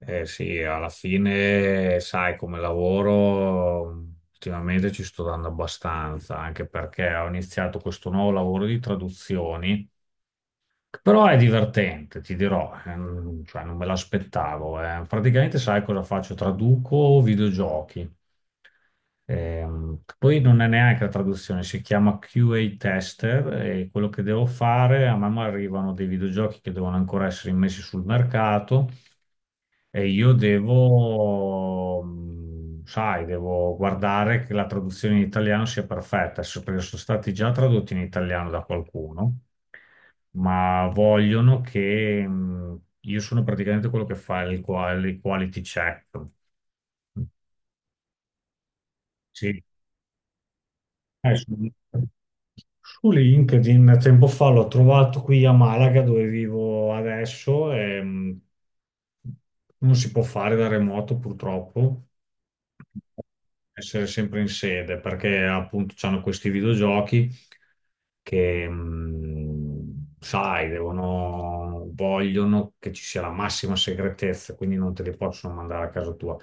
Eh sì, alla fine, sai, come lavoro ultimamente ci sto dando abbastanza, anche perché ho iniziato questo nuovo lavoro di traduzioni, che però è divertente, ti dirò, cioè non me l'aspettavo. Eh. Praticamente sai cosa faccio? Traduco videogiochi. Poi non è neanche la traduzione, si chiama QA tester e quello che devo fare, a man mano arrivano dei videogiochi che devono ancora essere immessi sul mercato e io devo, sai, devo guardare che la traduzione in italiano sia perfetta, perché sono stati già tradotti in italiano da qualcuno, ma vogliono che, io sono praticamente quello che fa il il quality check. Sì. Eh, su, su LinkedIn tempo fa l'ho trovato qui a Malaga dove vivo adesso e non si può fare da remoto purtroppo. Essere sempre in sede perché appunto c'hanno questi videogiochi che sai, devono, vogliono che ci sia la massima segretezza, quindi non te li possono mandare a casa tua.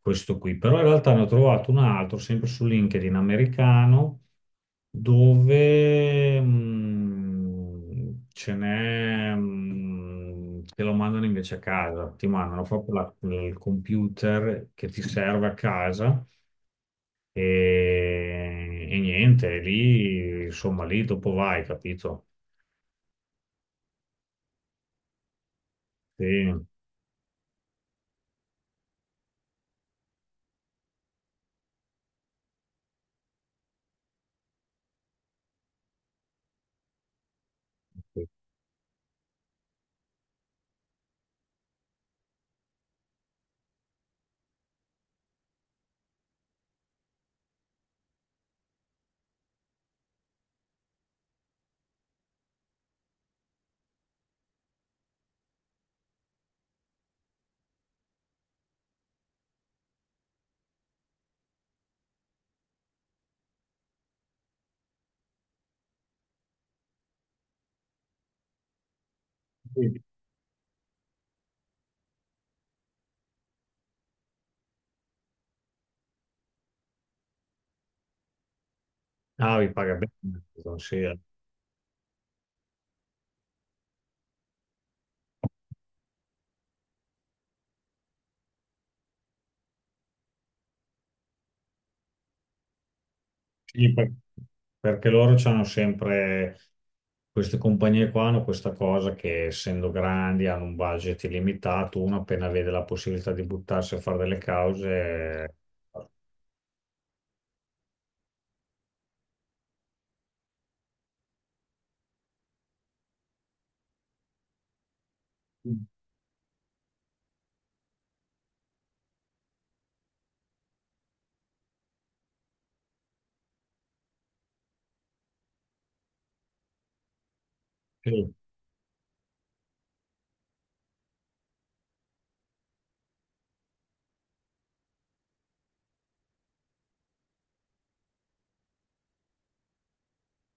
Questo qui, però in realtà ne ho trovato un altro sempre su LinkedIn americano dove ce n'è, te lo mandano invece a casa, ti mandano proprio il computer che ti serve a casa e, niente, lì, insomma, lì dopo vai, capito? Sì. Sì. Sì, ah, vi paga bene, Amazon, sì. Sì, per- perché loro hanno sempre, queste compagnie qua hanno questa cosa che essendo grandi hanno un budget illimitato, uno appena vede la possibilità di buttarsi a fare delle cause. Eh, sì,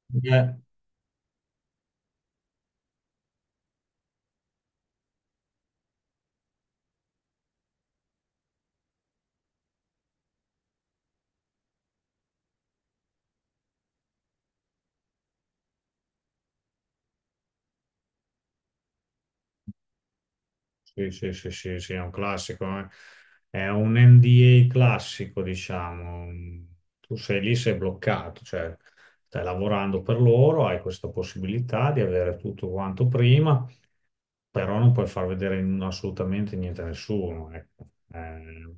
sì, eh, sì, sì, sì, sì, sì, è un classico, eh. È un NDA classico, diciamo. Tu sei lì, sei bloccato, cioè stai lavorando per loro, hai questa possibilità di avere tutto quanto prima, però non puoi far vedere assolutamente niente a nessuno, ecco.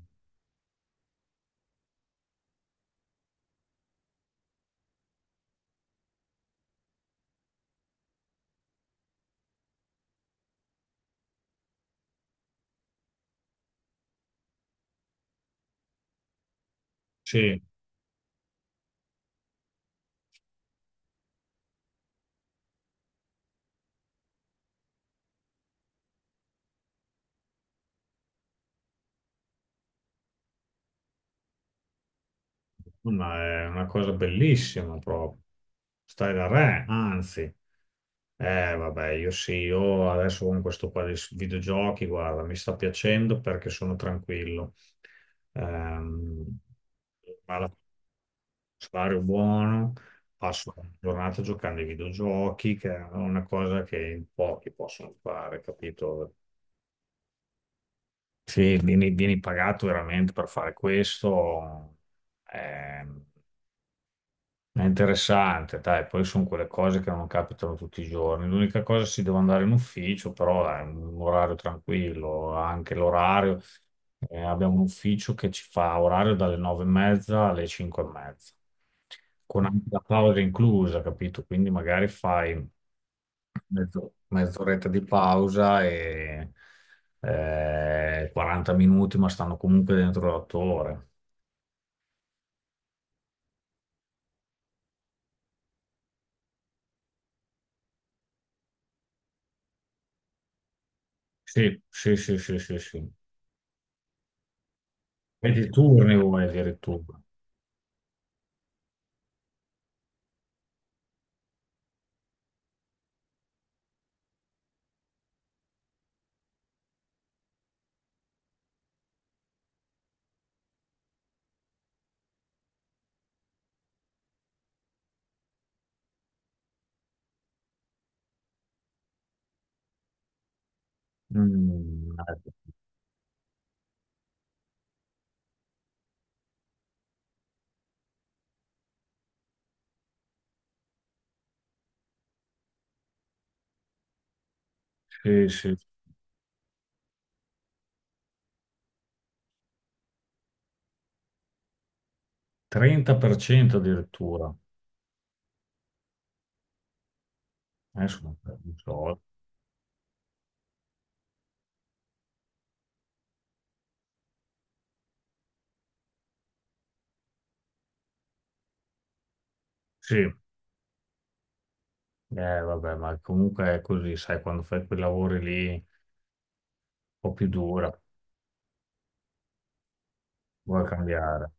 Sì, ma è una cosa bellissima proprio. Stai da re, anzi. Vabbè, io sì, io adesso con questo qua di videogiochi, guarda, mi sta piacendo perché sono tranquillo. Ehm, ma salario buono, passo la giornata giocando ai videogiochi, che è una cosa che in pochi possono fare, capito? Sì, vieni pagato veramente per fare questo. ehm, È interessante, dai, poi sono quelle cose che non capitano tutti i giorni. L'unica cosa si devo andare in ufficio, però è un orario tranquillo, anche l'orario. Eh, abbiamo un ufficio che ci fa orario dalle nove e mezza alle cinque e mezza, con anche la pausa inclusa, capito? Quindi magari fai mezz'oretta di pausa e 40 minuti, ma stanno comunque dentro le 8 ore. Sì, sì, sì, sì, sì, sì. E di turni vuoi addirittura. Mm, sì, sì, 30% addirittura. Adesso non so, non so. Sì, vabbè, ma comunque è così, sai, quando fai quei lavori lì un po' più dura, vuoi cambiare.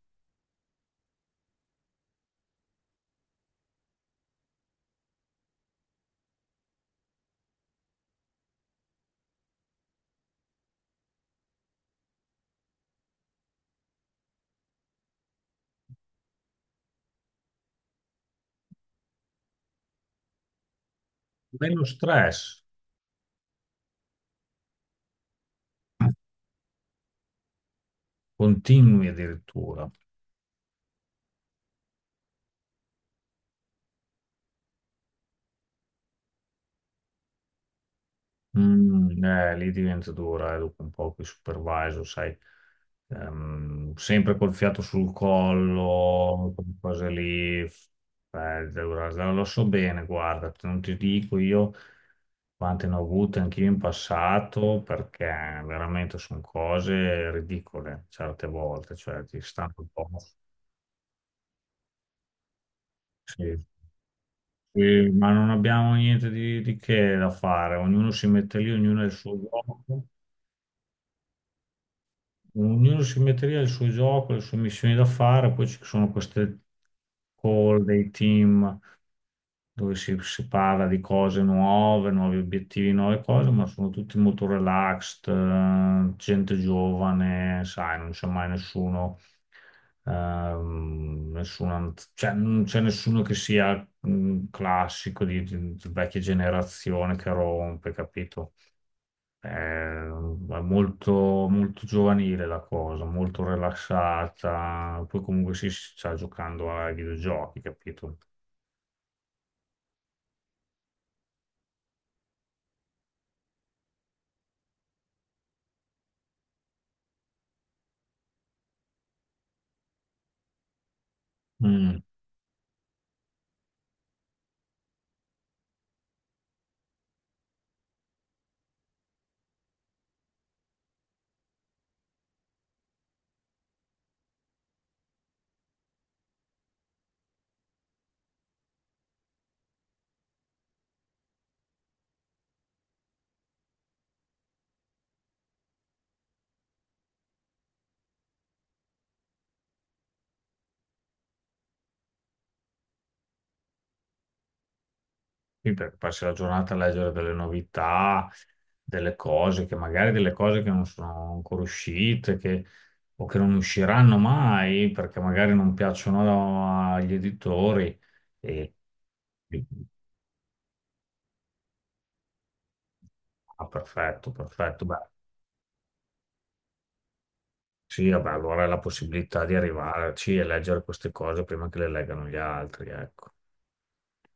Meno stress, continui addirittura. Mm, lì diventa dura dopo un po' che supervisor, sai, sempre col fiato sul collo, quelle cose lì, lo so bene, guarda, non ti dico io quante ne ho avute anch'io in passato, perché veramente sono cose ridicole certe volte, cioè ti stanno un po'. Sì. Sì, ma non abbiamo niente di, che da fare, ognuno si mette lì, ognuno ha il suo gioco. Ognuno si metteria il suo gioco, le sue missioni da fare, poi ci sono queste call dei team dove si parla di cose nuove, nuovi obiettivi, nuove cose, ma sono tutti molto relaxed, gente giovane, sai, non c'è mai nessuno, cioè, non c'è nessuno che sia mm, classico di, di vecchia generazione che rompe, capito? È molto, molto giovanile la cosa, molto rilassata. Poi comunque sì, si sta giocando ai videogiochi, capito? Mm. Passi la giornata a leggere delle novità, delle cose che magari delle cose che non sono ancora uscite, o che non usciranno mai perché magari non piacciono agli editori. E, ah, perfetto, perfetto. Beh, sì, vabbè, allora è la possibilità di arrivarci e leggere queste cose prima che le leggano gli altri, ecco.